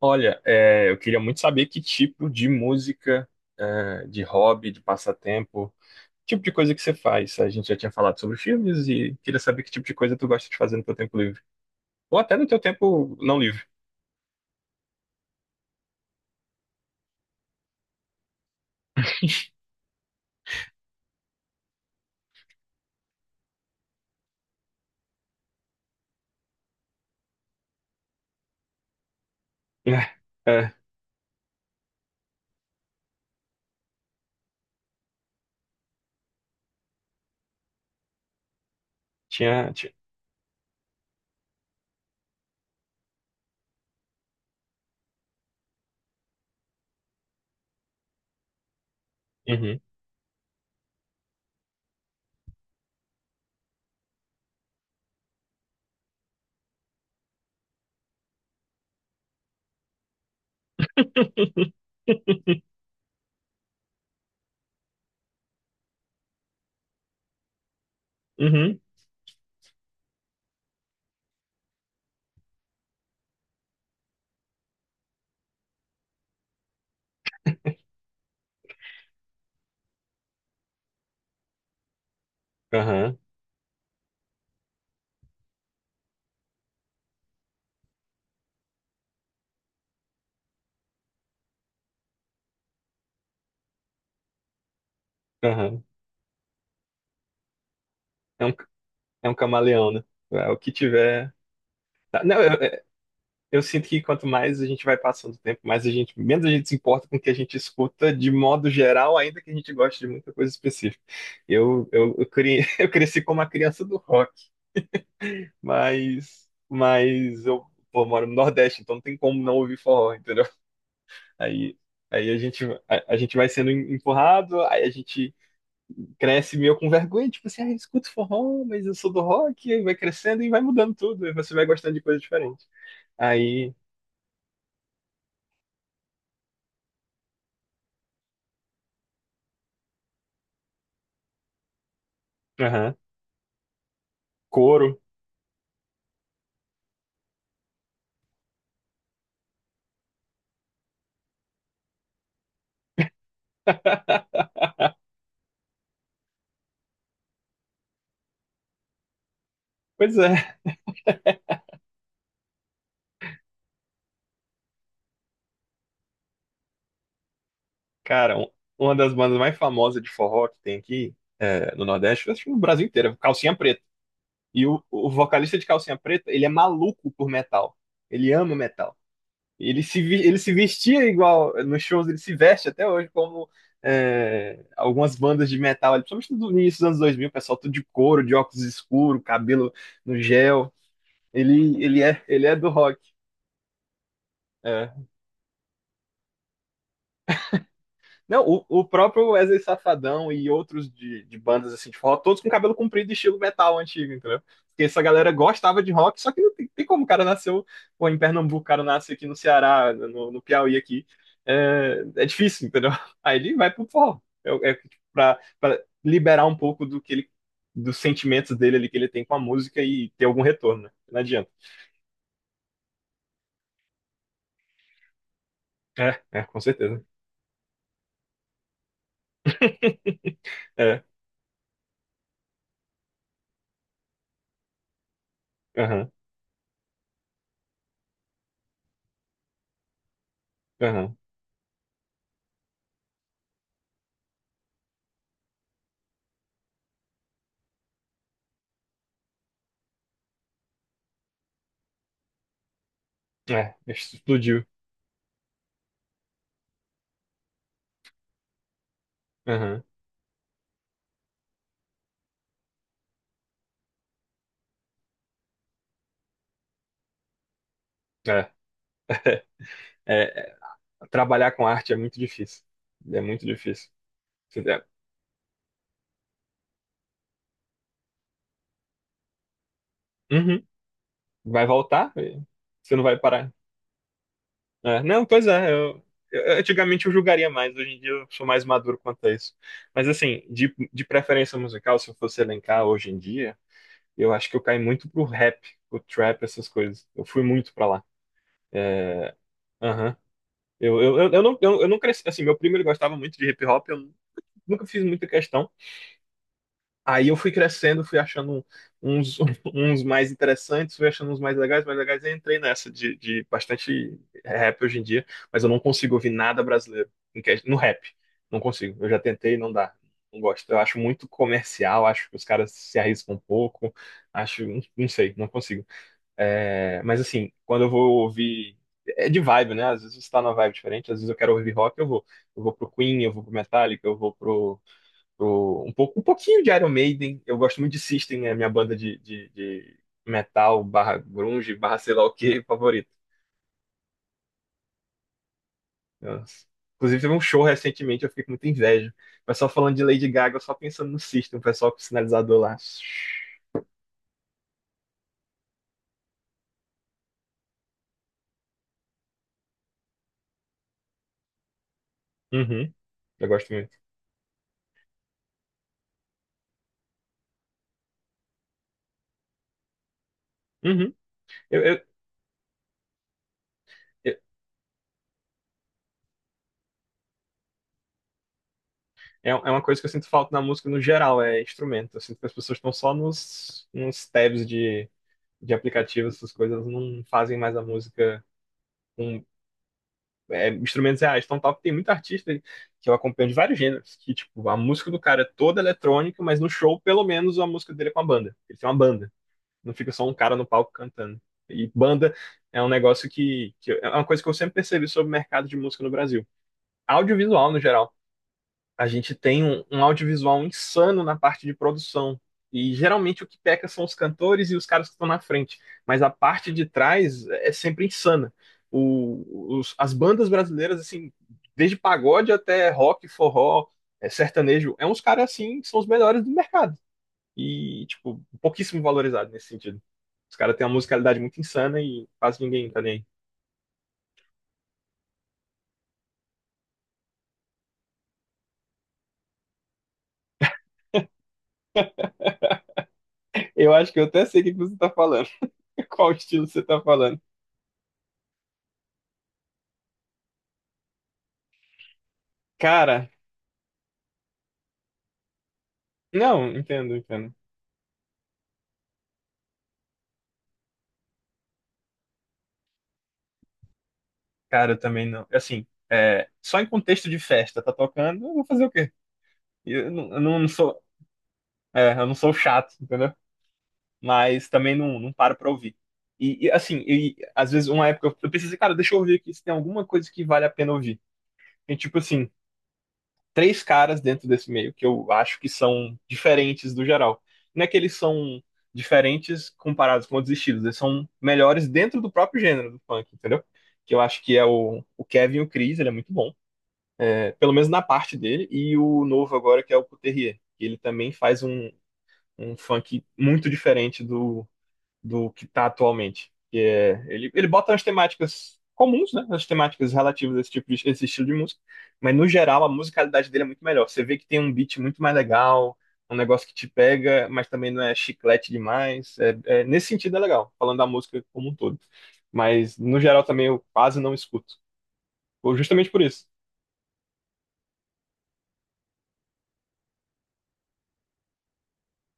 Olha, eu queria muito saber que tipo de música, de hobby, de passatempo, tipo de coisa que você faz. A gente já tinha falado sobre filmes e queria saber que tipo de coisa tu gosta de fazer no teu tempo livre. Ou até no teu tempo não livre. É, é, tinha, tinha. Uhum, uhum, aham, aham. É um, é um camaleão, né? É o que tiver. Não, eu sinto que quanto mais a gente vai passando o tempo, mais a gente, menos a gente se importa com o que a gente escuta de modo geral, ainda que a gente goste de muita coisa específica. Eu cresci como uma criança do rock, mas, mas eu, pô, moro no Nordeste, então não tem como não ouvir forró, entendeu? Aí, aí a gente, a gente vai sendo empurrado, aí a gente cresce meio com vergonha, tipo assim, ah, eu escuto forró, mas eu sou do rock, aí vai crescendo e vai mudando tudo, aí você vai gostando de coisas diferentes. Aí, aham, coro. Pois é, cara, um- uma das bandas mais famosas de forró que tem aqui é, no Nordeste, eu acho que no Brasil inteiro, é Calcinha Preta. E o vocalista de Calcinha Preta, ele é maluco por metal. Ele ama metal. E ele se vestia igual, nos shows ele se veste até hoje como é, algumas bandas de metal, ali, principalmente no início dos anos 2000, o pessoal tudo de couro, de óculos escuros, cabelo no gel. Ele é do rock. É. Não, o próprio Wesley Safadão e outros de bandas assim de forró, todos com cabelo comprido e estilo metal antigo, entendeu? Porque essa galera gostava de rock, só que não tem, tem como o cara nasceu pô, em Pernambuco, o cara nasce aqui no Ceará, no Piauí aqui. É difícil, entendeu? Aí ele vai pro forró. Pra liberar um pouco do que dos sentimentos dele ali que ele tem com a música e ter algum retorno, né? Não adianta. Com certeza. É, aham, aham. É, explodiu. Aham, é. É, Trabalhar com arte é muito difícil. É muito difícil. Você der- Uhum. Vai voltar? Você não vai parar. É, não, pois é. Antigamente eu julgaria mais. Hoje em dia eu sou mais maduro quanto a isso. Mas assim, de preferência musical, se eu fosse elencar hoje em dia, eu acho que eu caí muito pro rap, pro trap, essas coisas. Eu fui muito pra lá. É, aham. Eu não cresci. Assim, meu primo ele gostava muito de hip hop. Eu nunca fiz muita questão. Aí eu fui crescendo, fui achando uns, uns mais interessantes, fui achando uns mais legais, e entrei nessa de bastante rap hoje em dia, mas eu não consigo ouvir nada brasileiro no rap. Não consigo. Eu já tentei, não dá. Não gosto. Eu acho muito comercial, acho que os caras se arriscam um pouco, acho, não sei, não consigo. É, mas assim, quando eu vou ouvir. É de vibe, né? Às vezes você tá numa vibe diferente, às vezes eu quero ouvir rock, eu vou. Eu vou pro Queen, eu vou pro Metallica, eu vou pro um pouco, um pouquinho de Iron Maiden. Eu gosto muito de System, é a minha banda de metal, barra grunge, barra sei lá o que, favorito. Eu- inclusive, teve um show recentemente, eu fiquei com muita inveja. O pessoal falando de Lady Gaga, eu só pensando no System, o pessoal com o sinalizador lá. Uhum, eu gosto muito. Uhum. Eu, eu- eu- é é uma coisa que eu sinto falta na música no geral, é instrumento. Eu sinto que as pessoas estão só nos, nos tabs de aplicativos, essas coisas, não fazem mais a música. Com é, instrumentos reais. Então, top, tem muito artista que eu acompanho de vários gêneros, que, tipo, a música do cara é toda eletrônica, mas no show, pelo menos, a música dele é com a banda. Ele tem uma banda, não fica só um cara no palco cantando. E banda é um negócio que é uma coisa que eu sempre percebi sobre o mercado de música no Brasil. Audiovisual, no geral, a gente tem um, um audiovisual insano na parte de produção. E geralmente o que peca são os cantores e os caras que estão na frente. Mas a parte de trás é sempre insana. As bandas brasileiras, assim, desde pagode até rock, forró, é, sertanejo, é uns caras assim que são os melhores do mercado. E, tipo, pouquíssimo valorizado nesse sentido. Os caras têm uma musicalidade muito insana e quase ninguém tá nem aí. Eu acho que eu até sei o que que você tá falando. Qual estilo você tá falando. Cara, não, entendo, entendo. Cara, eu também não. Assim, é, só em contexto de festa, tá tocando, eu vou fazer o quê? Eu não, eu não sou, eu não sou chato, entendeu? Mas também não, não paro pra ouvir. Assim, e, às vezes uma época eu pensei cara, deixa eu ouvir aqui se tem alguma coisa que vale a pena ouvir. Tem tipo assim, três caras dentro desse meio que eu acho que são diferentes do geral. Não é que eles são diferentes comparados com outros estilos, eles são melhores dentro do próprio gênero do funk, entendeu? Que eu acho que é o Kevin e o Chris, ele é muito bom. Pelo menos na parte dele, e o novo agora que é o Couturier, que ele também faz um, um funk muito diferente do que tá atualmente. Que é, ele bota as temáticas comuns, né, as temáticas relativas a esse tipo de, esse estilo de música, mas no geral a musicalidade dele é muito melhor. Você vê que tem um beat muito mais legal, um negócio que te pega, mas também não é chiclete demais. Nesse sentido é legal, falando da música como um todo. Mas no geral também eu quase não escuto. Ou justamente por isso.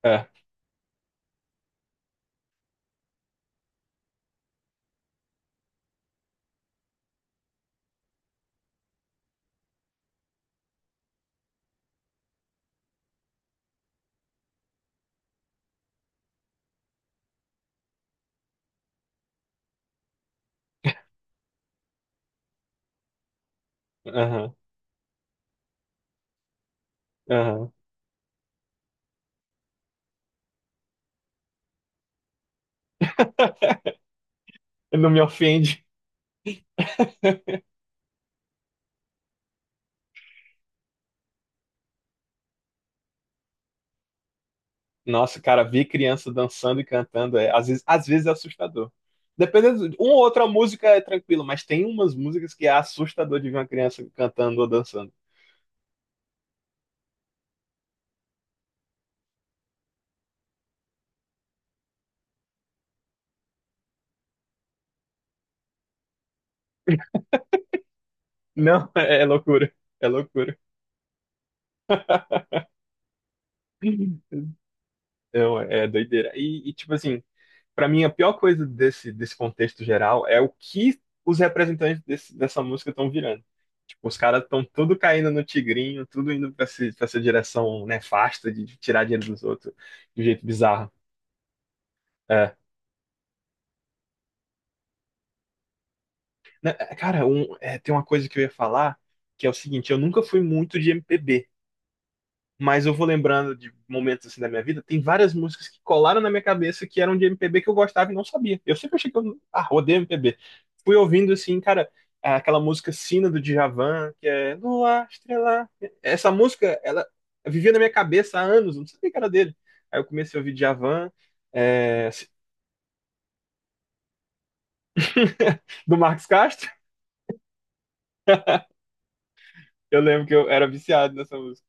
É. Aham, aham. Não me ofende. Nossa, cara, ver criança dançando e cantando é, às vezes é assustador. Dependendo, uma ou outra música é tranquilo, mas tem umas músicas que é assustador de ver uma criança cantando ou dançando. Não, é loucura. É loucura. Não, é doideira. Tipo assim, pra mim a pior coisa desse, desse contexto geral é o que os representantes desse- dessa música estão virando. Os caras estão tudo caindo no tigrinho, tudo indo para essa direção nefasta de tirar dinheiro dos outros de um jeito bizarro. É. Né, é, cara, um- é, tem uma coisa que eu ia falar, que é o seguinte, eu nunca fui muito de MPB. Mas eu vou lembrando de momentos assim da minha vida, tem várias músicas que colaram na minha cabeça que eram de MPB que eu gostava e não sabia. Eu sempre achei que eu, ah, odeio MPB. Fui ouvindo assim, cara, aquela música Sina do Djavan, que é Lua, Estrela. Essa música, ela vivia na minha cabeça há anos, eu não sabia que era dele. Aí eu comecei a ouvir Djavan, é, do Marcos Castro. Eu lembro que eu era viciado nessa música.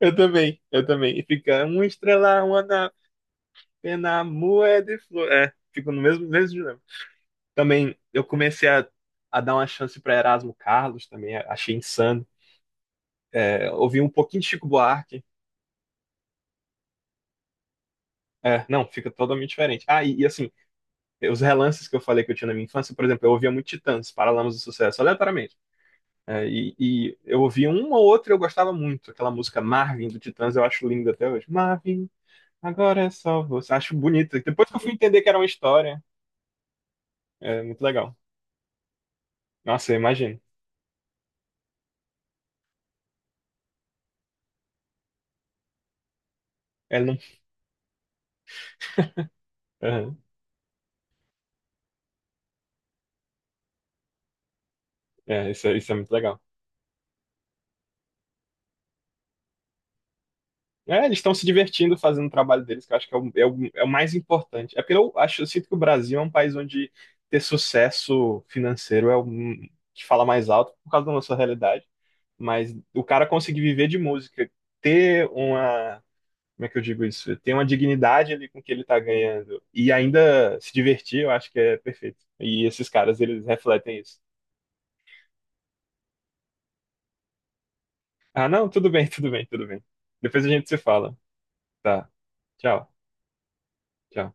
Eu também, eu também. E fica uma estrela, uma na pena, moeda de flor. É, fica no mesmo, mesmo dilema. Também eu comecei a dar uma chance para Erasmo Carlos também, achei insano. É, ouvi um pouquinho de Chico Buarque. É, não, fica totalmente diferente. Ah, e assim, os relances que eu falei que eu tinha na minha infância, por exemplo, eu ouvia muito Titãs, Paralamas do Sucesso, aleatoriamente. É, e eu ouvia uma ou outra e eu gostava muito. Aquela música Marvin do Titãs, eu acho linda até hoje. Marvin, agora é só você. Acho bonita. Depois que eu fui entender que era uma história, é muito legal. Nossa, eu imagino. Ele não. Aham. É, isso, é- isso é muito legal. É, eles estão se divertindo fazendo o trabalho deles, que eu acho que é é o mais importante. É porque eu acho, eu sinto que o Brasil é um país onde ter sucesso financeiro é o que fala mais alto por causa da nossa realidade. Mas o cara conseguir viver de música, ter uma, como é que eu digo isso? Ter uma dignidade ali com o que ele tá ganhando e ainda se divertir, eu acho que é perfeito. E esses caras, eles refletem isso. Ah, não, tudo bem, tudo bem, tudo bem. Depois a gente se fala. Tá, tchau, tchau.